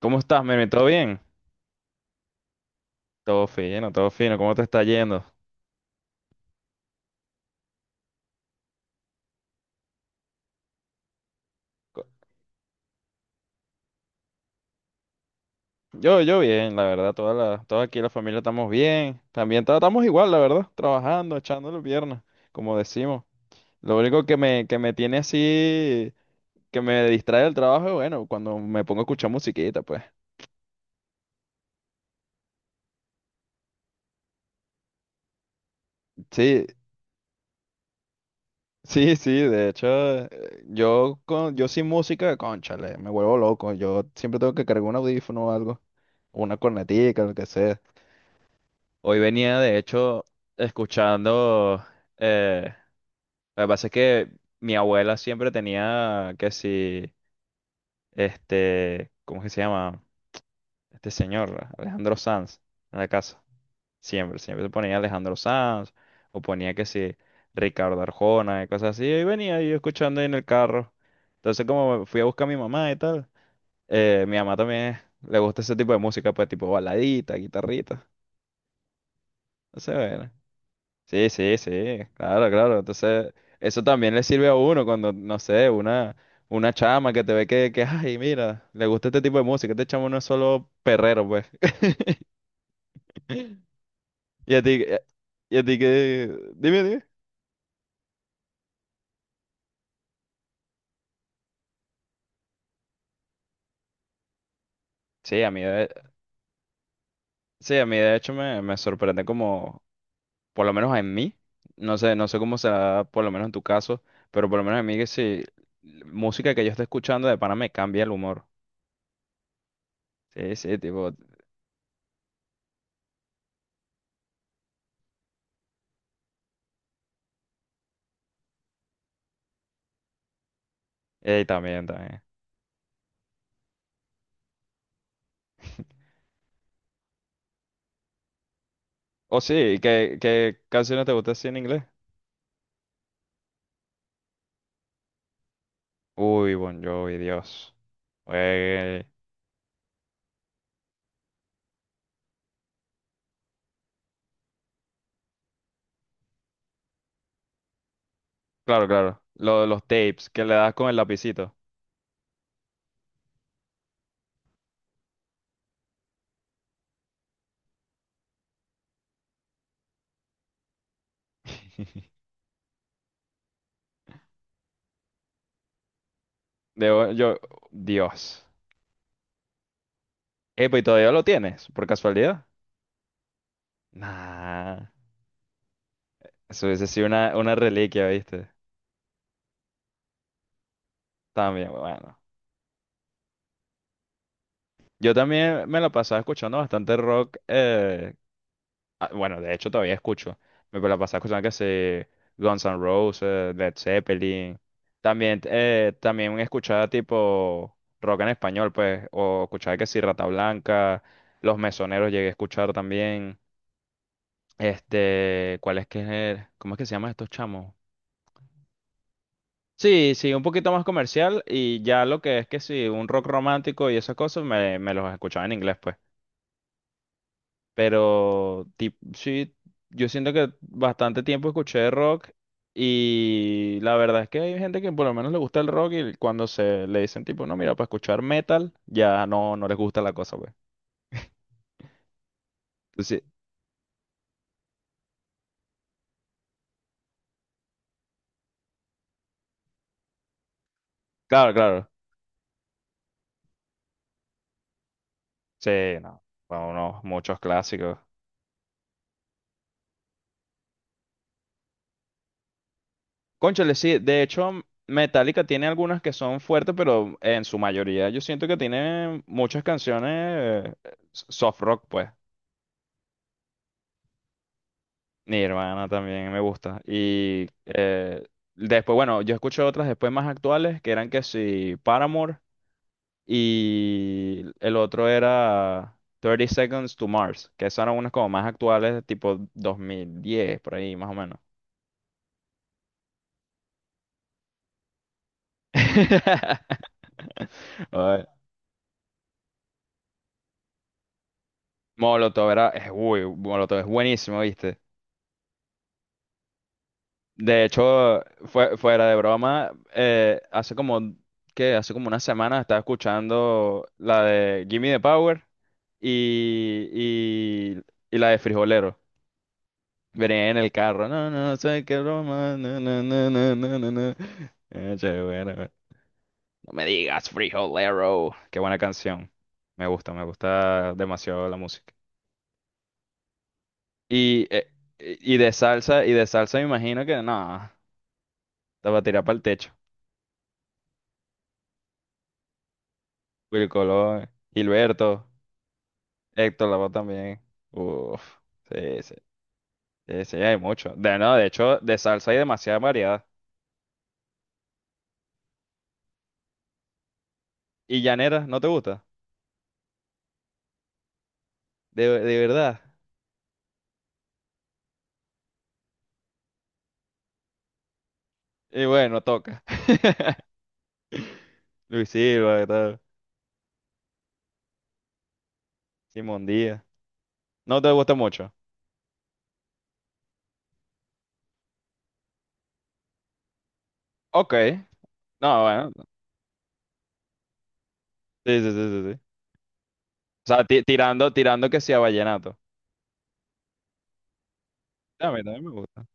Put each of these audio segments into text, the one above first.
¿Cómo estás, Meme? ¿Todo bien? Todo fino, todo fino. ¿Cómo te está yendo? Co- yo bien, la verdad. Toda aquí la familia estamos bien. También estamos igual, la verdad. Trabajando, echando las piernas, como decimos. Lo único que me tiene así, que me distrae del trabajo, es, bueno, cuando me pongo a escuchar musiquita, pues. Sí, sí, sí. De hecho, yo sin música, cónchale, me vuelvo loco. Yo siempre tengo que cargar un audífono o algo. Una cornetica, lo que sea. Hoy venía, de hecho, escuchando. Eh, lo que pasa es que mi abuela siempre tenía que si. Este. ¿Cómo es que se llama? Este señor, Alejandro Sanz, en la casa. Siempre, siempre se ponía Alejandro Sanz. O ponía que si. Ricardo Arjona y cosas así. Y venía yo escuchando ahí en el carro. Entonces, como fui a buscar a mi mamá y tal. Mi mamá también le gusta ese tipo de música, pues tipo baladita, guitarrita. No sé, bueno. Sí, sí, sí, claro, claro. Entonces, eso también le sirve a uno cuando, no sé, una chama que te ve que, ay, mira, le gusta este tipo de música, este chamo no es solo perrero, pues. Y a ti, y a ti que, dime, dime. Sí, a mí de, sí, a mí de hecho me sorprende como, por lo menos en mí, no sé cómo será, por lo menos en tu caso, pero por lo menos en mí que si música que yo esté escuchando de pana me cambia el humor. Sí, sí, tipo, también, también. Oh, sí, ¿qué canciones te gustan así en inglés? Uy, Bon Jovi, Dios. Eh, claro, claro. Lo de los tapes que le das con el lapicito. De, Bon- yo, Dios. Epa, ¿y todavía lo tienes? ¿Por casualidad? Nah. Eso hubiese sido una reliquia, ¿viste? También, bueno. Yo también me la pasaba escuchando bastante rock, ah, bueno, de hecho todavía escucho. Me la pasaba escuchando que se Guns N' Roses, Led Zeppelin. También, también escuchaba tipo rock en español, pues, o escuchaba que sí, Rata Blanca, Los Mesoneros llegué a escuchar también. Este, ¿cuál es que es? ¿Cómo es que se llaman estos chamos? Sí, sí, un poquito más comercial y ya lo que es que sí, un rock romántico y esas cosas me los escuchaba en inglés, pues. Sí, yo siento que bastante tiempo escuché rock y la verdad es que hay gente que por lo menos le gusta el rock y cuando se le dicen tipo, no, mira, para escuchar metal, ya no, no les gusta la cosa, pues. Entonces, claro, claro. Sí, no. Bueno, unos muchos clásicos. Cónchale, sí. De hecho, Metallica tiene algunas que son fuertes, pero en su mayoría yo siento que tiene muchas canciones soft rock, pues. Mi hermana también me gusta. Y después, bueno, yo escuché otras después más actuales que eran que si Paramore y el otro era Thirty Seconds to Mars, que esas eran unas como más actuales, tipo 2010, por ahí más o menos. Ay, Molotov era, es, uy, Molotov es buenísimo, ¿viste? De hecho, fuera de broma, hace como, qué. Hace como una semana estaba escuchando la de Gimme the Power. y, y, y la de Frijolero. Venía en el carro. No, no, sé qué broma. No, no, no, no, no, no. no". Che, bueno, bueno. No me digas Frijolero. Qué buena canción. Me gusta demasiado la música. Y, eh, y de salsa me imagino que no, te va a tirar para el techo. Willy Colón, Gilberto, Héctor Lavoe también. Uf, sí, sí, sí, sí, hay mucho. De, no, de hecho, de salsa hay demasiada variedad. ¿Y llanera, no te gusta? De verdad. Y bueno, toca. Luis Silva, ¿qué tal? Simón Díaz. No te gusta mucho. Ok. No, bueno. Sí, sí, sí, sí, sí. O sea, tirando, tirando que sea vallenato. A mí también me gusta.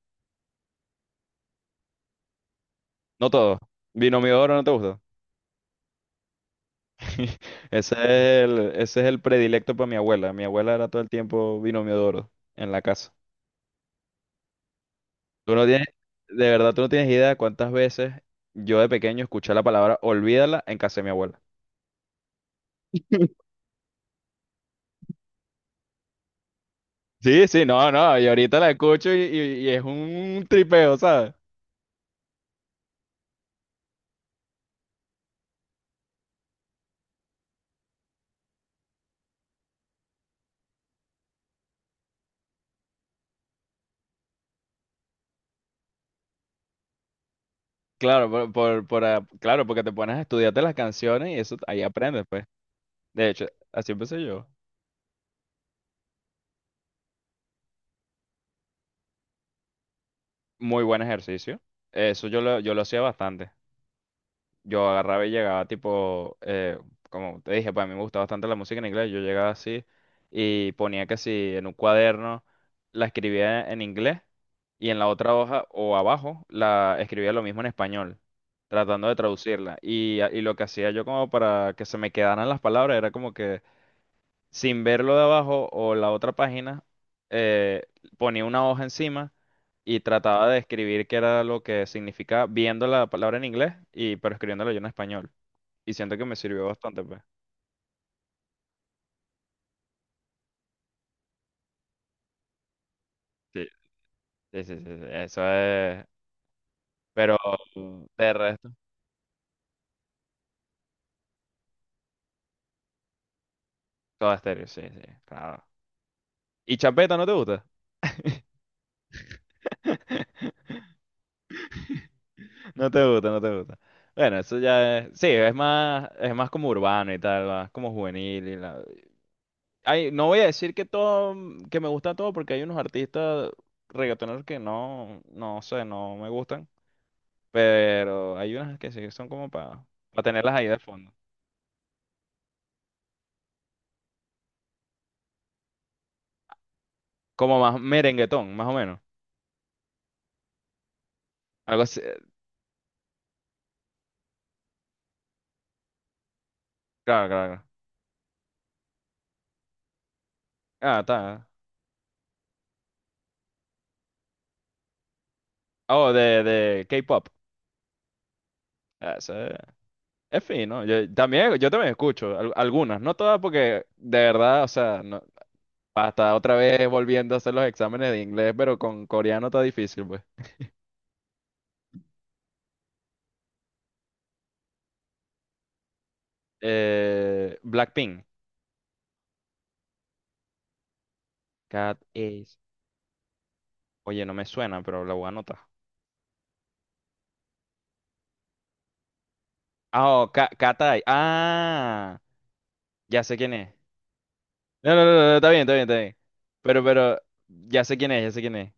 No todo. Binomio de oro no te gusta. Ese es ese es el predilecto para mi abuela. Mi abuela era todo el tiempo binomio de oro en la casa. Tú no tienes, de verdad, tú no tienes idea de cuántas veces yo de pequeño escuché la palabra olvídala en casa de mi abuela. Sí, sí, no, no, y ahorita la escucho y es un tripeo, ¿sabes? Claro, ah, claro, porque te pones a estudiarte las canciones y eso ahí aprendes, pues. De hecho, así empecé yo. Muy buen ejercicio. Yo lo hacía bastante. Yo agarraba y llegaba tipo, como te dije, pues a mí me gusta bastante la música en inglés, yo llegaba así y ponía que si en un cuaderno la escribía en inglés y en la otra hoja o abajo la escribía lo mismo en español, tratando de traducirla. Y lo que hacía yo como para que se me quedaran las palabras era como que sin verlo de abajo o la otra página, eh, ponía una hoja encima y trataba de escribir qué era lo que significaba, viendo la palabra en inglés y pero escribiéndolo yo en español. Y siento que me sirvió bastante, pues. Sí, sí, sí, sí, sí, eso es. Pero de resto, todo estéreo, sí, sí, claro. ¿Y chapeta no te gusta? No te gusta, no te gusta. Bueno, eso ya es, sí, es más como urbano y tal, más como juvenil y ay, no voy a decir que todo, que me gusta todo, porque hay unos artistas reggaetoneros que no, no sé, no me gustan, pero hay unas que sí son como para tenerlas ahí de fondo. Como más merenguetón, más o menos. Algo así. Claro, claro, claro. Ah, está. Oh, de K-pop. Ah, eso es fino. Yo también escucho algunas, no todas porque de verdad, o sea, no, hasta otra vez volviendo a hacer los exámenes de inglés, pero con coreano está difícil, pues. Blackpink. Cat Ace. Oye, no me suena, pero la voy a anotar. Cat Ace. Ah, ya sé quién es. No, no, no, no, no, está bien, está bien, está bien. Pero, ya sé quién es, ya sé quién es.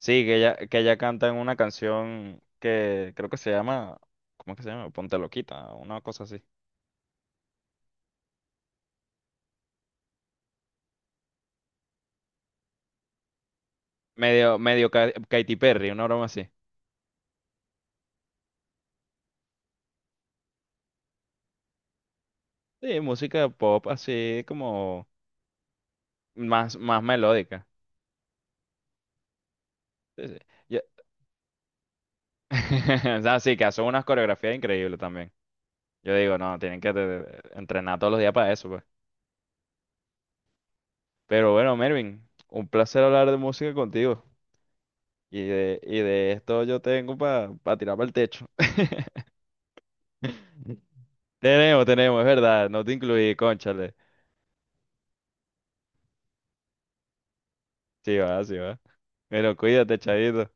Sí, que ella canta en una canción que creo que se llama, ¿cómo es que se llama? Ponte Loquita, una cosa así. Medio Katy Perry, una broma así. Sí, música pop así como más, más melódica. Sí, sí. Ya- O sea, sí, que hace unas coreografías increíbles también. Yo digo, no, tienen que entrenar todos los días para eso, pues. Pero bueno, Mervin, un placer hablar de música contigo. Y de esto yo tengo para tirar para el techo. Tenemos, tenemos, es verdad. No te incluí, cónchale. Sí va, sí va. Bueno, cuídate, chavito.